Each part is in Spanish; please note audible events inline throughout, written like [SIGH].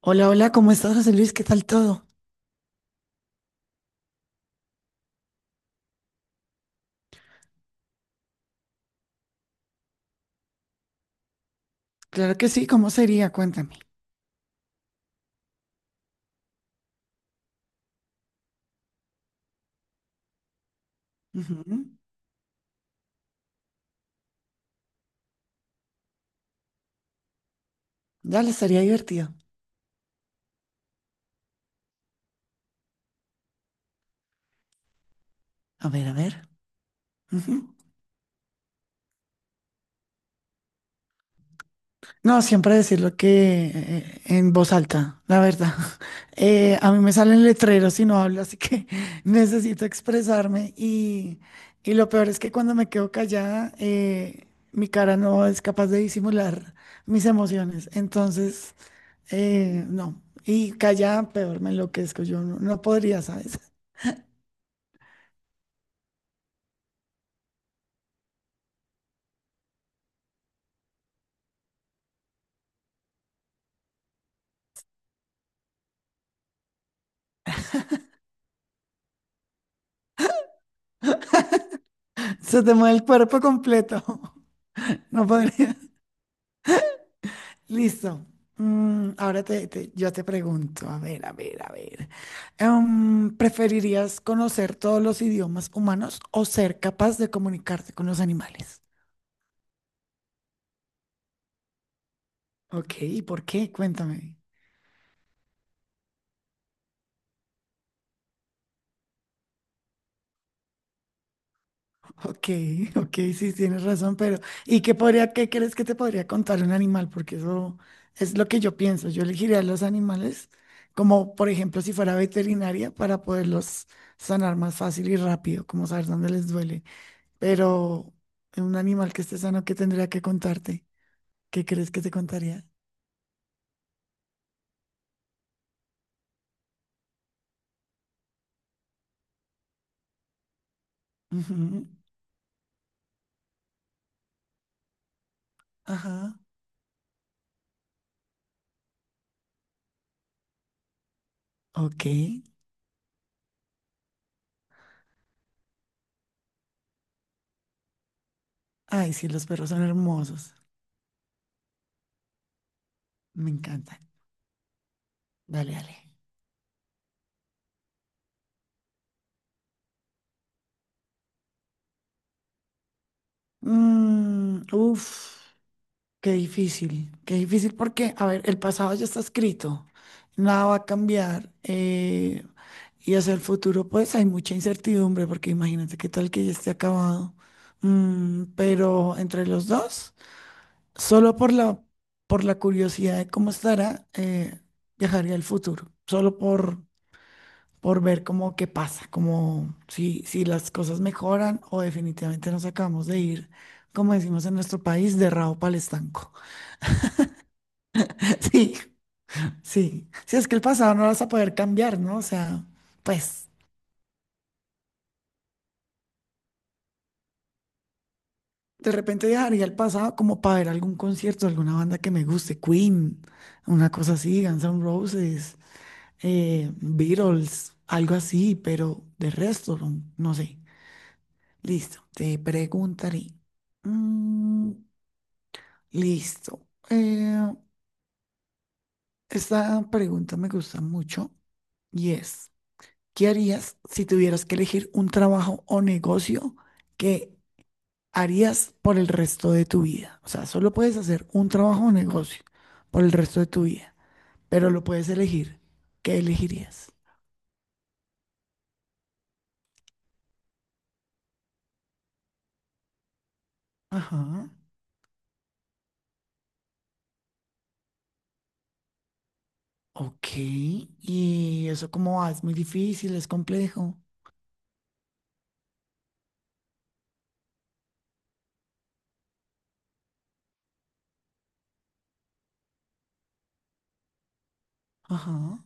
Hola, hola, ¿cómo estás, José Luis? ¿Qué tal todo? Claro que sí, ¿cómo sería? Cuéntame. Ujú. Dale, estaría divertido. A ver, a ver. Ujú. No, siempre decir lo que en voz alta, la verdad. [LAUGHS] A mí me salen letreros y no hablo, así que [LAUGHS] necesito expresarme. Y lo peor es que cuando me quedo callada, mi cara no es capaz de disimular mis emociones. Entonces, no. Y callada, peor, me enloquezco. Yo no, No podría, ¿sabes? Se te mueve el cuerpo completo. [LAUGHS] No podría. Listo. Ahora yo te pregunto, a ver, a ver, a ver. ¿Preferirías conocer todos los idiomas humanos o ser capaz de comunicarte con los animales? Ok, ¿y por qué? Cuéntame. Ok, ok, sí, tienes razón, pero ¿qué crees que te podría contar un animal? Porque eso es lo que yo pienso. Yo elegiría a los animales como, por ejemplo, si fuera veterinaria para poderlos sanar más fácil y rápido, como saber dónde les duele. Pero un animal que esté sano, ¿qué tendría que contarte? ¿Qué crees que te contaría? Ujú. Ajá. Ok. Ay, sí, los perros son hermosos. Me encantan. Dale, dale. Mm, uf. Qué difícil porque, a ver, el pasado ya está escrito, nada va a cambiar. Y hacia el futuro, pues hay mucha incertidumbre porque imagínate qué tal que ya esté acabado. Mm, pero entre los dos, solo por la, por la curiosidad de cómo estará, viajaría al futuro, por ver cómo qué pasa, como si las cosas mejoran o definitivamente nos acabamos de ir, como decimos en nuestro país, de rabo para el estanco. [LAUGHS] Sí. Sí, sí, es que el pasado no lo vas a poder cambiar, ¿no? O sea, pues de repente viajaría al pasado como para ver algún concierto, de alguna banda que me guste, Queen, una cosa así, Guns N' Roses, Beatles, algo así, pero de resto, no sé. Listo, te preguntaré. Mm, listo. Esta pregunta me gusta mucho y es, ¿qué harías si tuvieras que elegir un trabajo o negocio que harías por el resto de tu vida? O sea, solo puedes hacer un trabajo o negocio por el resto de tu vida, pero lo puedes elegir. ¿Qué elegirías? Ajá. Ok. ¿Y eso cómo va? Es muy difícil, es complejo. Ajá.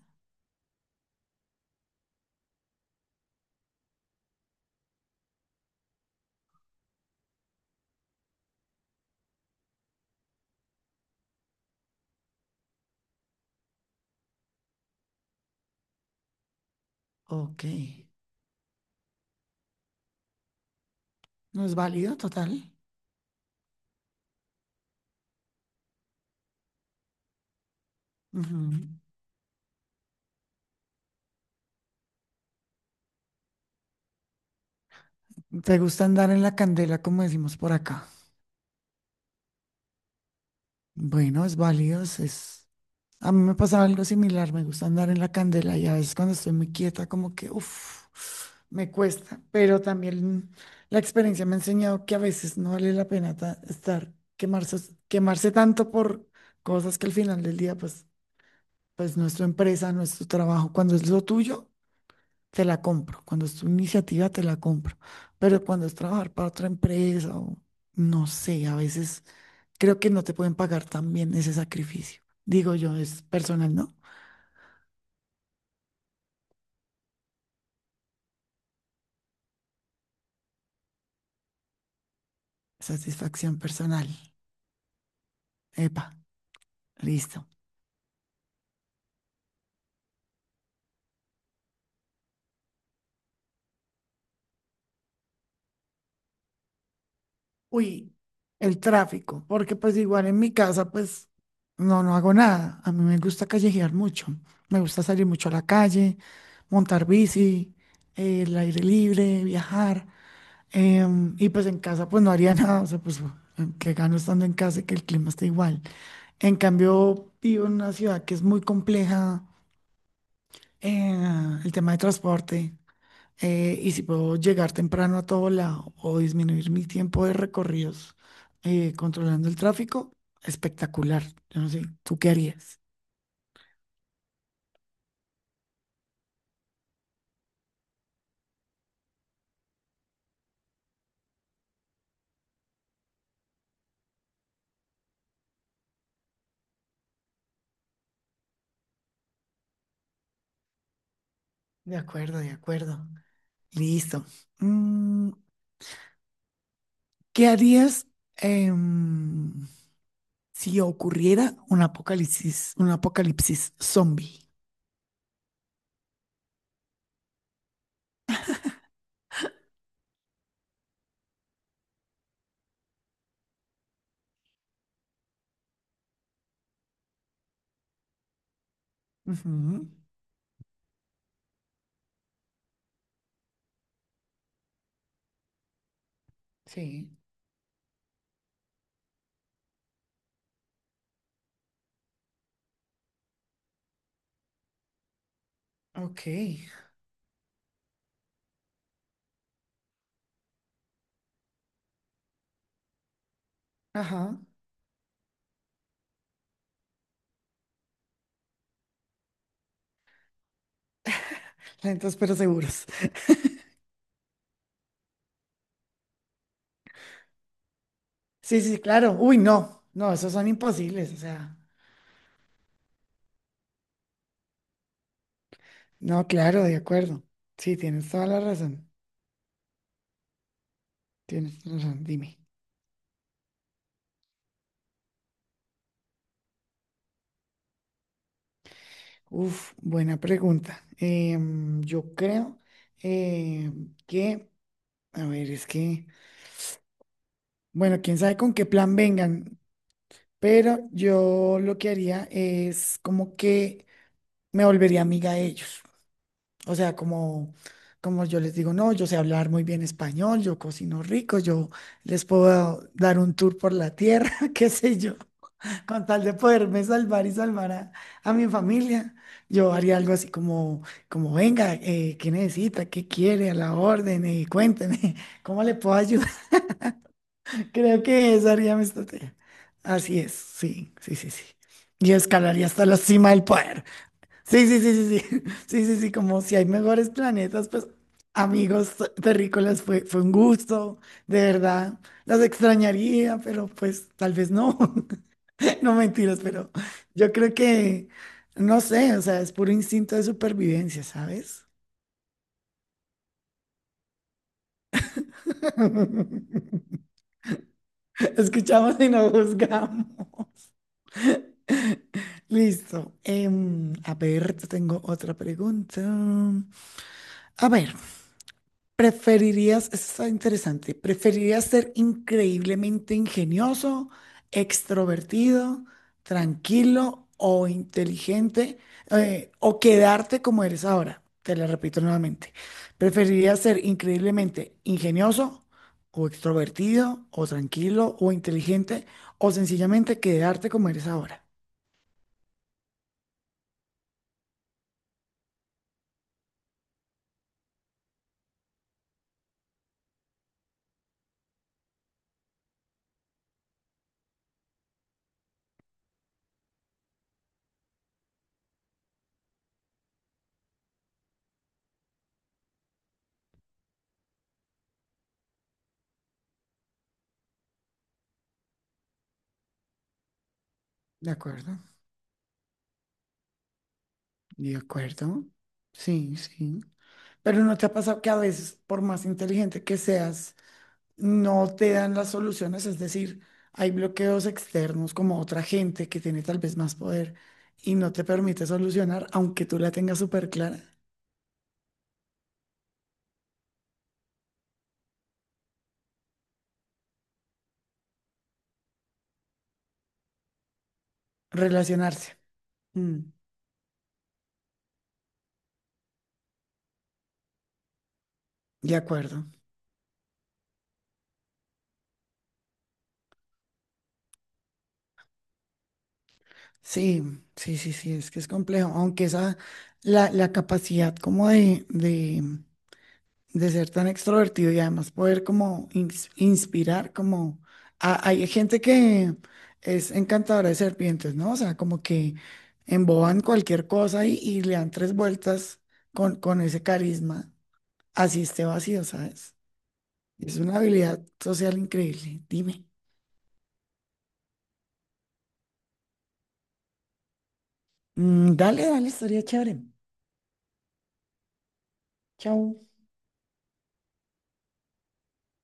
Ok. No es válido, total. Ujú. ¿Te gusta andar en la candela, como decimos por acá? Bueno, es válido, es. A mí me pasaba algo similar, me gusta andar en la candela y a veces cuando estoy muy quieta como que, uff, me cuesta, pero también la experiencia me ha enseñado que a veces no vale la pena estar quemarse, quemarse tanto por cosas que al final del día, pues, pues no es tu empresa, no es tu trabajo. Cuando es lo tuyo, te la compro. Cuando es tu iniciativa, te la compro. Pero cuando es trabajar para otra empresa o no sé, a veces creo que no te pueden pagar tan bien ese sacrificio. Digo yo, es personal, ¿no? Satisfacción personal. Epa, listo. Uy, el tráfico, porque pues igual en mi casa pues no hago nada. A mí me gusta callejear mucho. Me gusta salir mucho a la calle, montar bici, el aire libre, viajar. Y pues en casa pues no haría [LAUGHS] nada. O sea, pues que gano estando en casa y que el clima esté igual. En cambio, vivo en una ciudad que es muy compleja, el tema de transporte. Y si puedo llegar temprano a todo lado o disminuir mi tiempo de recorridos controlando el tráfico, espectacular. Yo no sé, ¿tú qué harías? De acuerdo, de acuerdo. Listo. Mm, ¿qué harías em, si ocurriera un apocalipsis zombie? Ujú. Sí, ok. Ajá. Lentos pero seguros. [LAUGHS] Sí, sí, claro. Uy, no, no, esos son imposibles. O sea. No, claro, de acuerdo. Sí, tienes toda la razón. Tienes toda la razón, dime. Uf, buena pregunta. Yo creo eh, que, a ver, es que, bueno, quién sabe con qué plan vengan, pero yo lo que haría es como que me volvería amiga de ellos. O sea, como, como yo les digo, no, yo sé hablar muy bien español, yo cocino rico, yo les puedo dar un tour por la tierra, [LAUGHS] qué sé yo. Con tal de poderme salvar y salvar a mi familia, yo haría algo así como, como venga, ¿qué necesita? ¿Qué quiere? A la orden, cuénteme, [LAUGHS] ¿cómo le puedo ayudar? [LAUGHS] Creo que esa haría mi estrategia. Así es, sí, sí, sí, sí. Y escalaría hasta la cima del poder. Sí, sí, sí, sí, sí, [LAUGHS] sí, sí, sí, como si hay mejores planetas, pues amigos terrícolas, fue un gusto, de verdad, las extrañaría, pero pues tal vez no. [LAUGHS] [LAUGHS] No mentiras, pero yo creo que, no sé, o sea, es puro instinto de supervivencia, ¿sabes? [LAUGHS] Escuchamos y no juzgamos. Listo. A ver, te tengo otra pregunta. A ver, ¿preferirías, eso está interesante, preferirías ser increíblemente ingenioso, extrovertido, tranquilo o inteligente o quedarte como eres ahora? Te lo repito nuevamente. ¿Preferirías ser increíblemente ingenioso o extrovertido o tranquilo o inteligente o sencillamente quedarte como eres ahora? De acuerdo, de acuerdo. Sí, sí. Pero ¿no te ha pasado que a veces, por más inteligente que seas, no te dan las soluciones, es decir, hay bloqueos externos como otra gente que tiene tal vez más poder y no te permite solucionar, aunque tú la tengas súper clara, relacionarse. Mm, de acuerdo. Sí, sí, sí, sí, es que es complejo, aunque esa, la capacidad como de ser tan extrovertido y además poder como inspirar, como hay gente que es encantadora de serpientes, ¿no? O sea, como que emboban cualquier cosa y le dan tres vueltas con ese carisma, así esté vacío, ¿sabes? Es una habilidad social increíble. Dime. Mm, dale, dale, estaría chévere. Chao.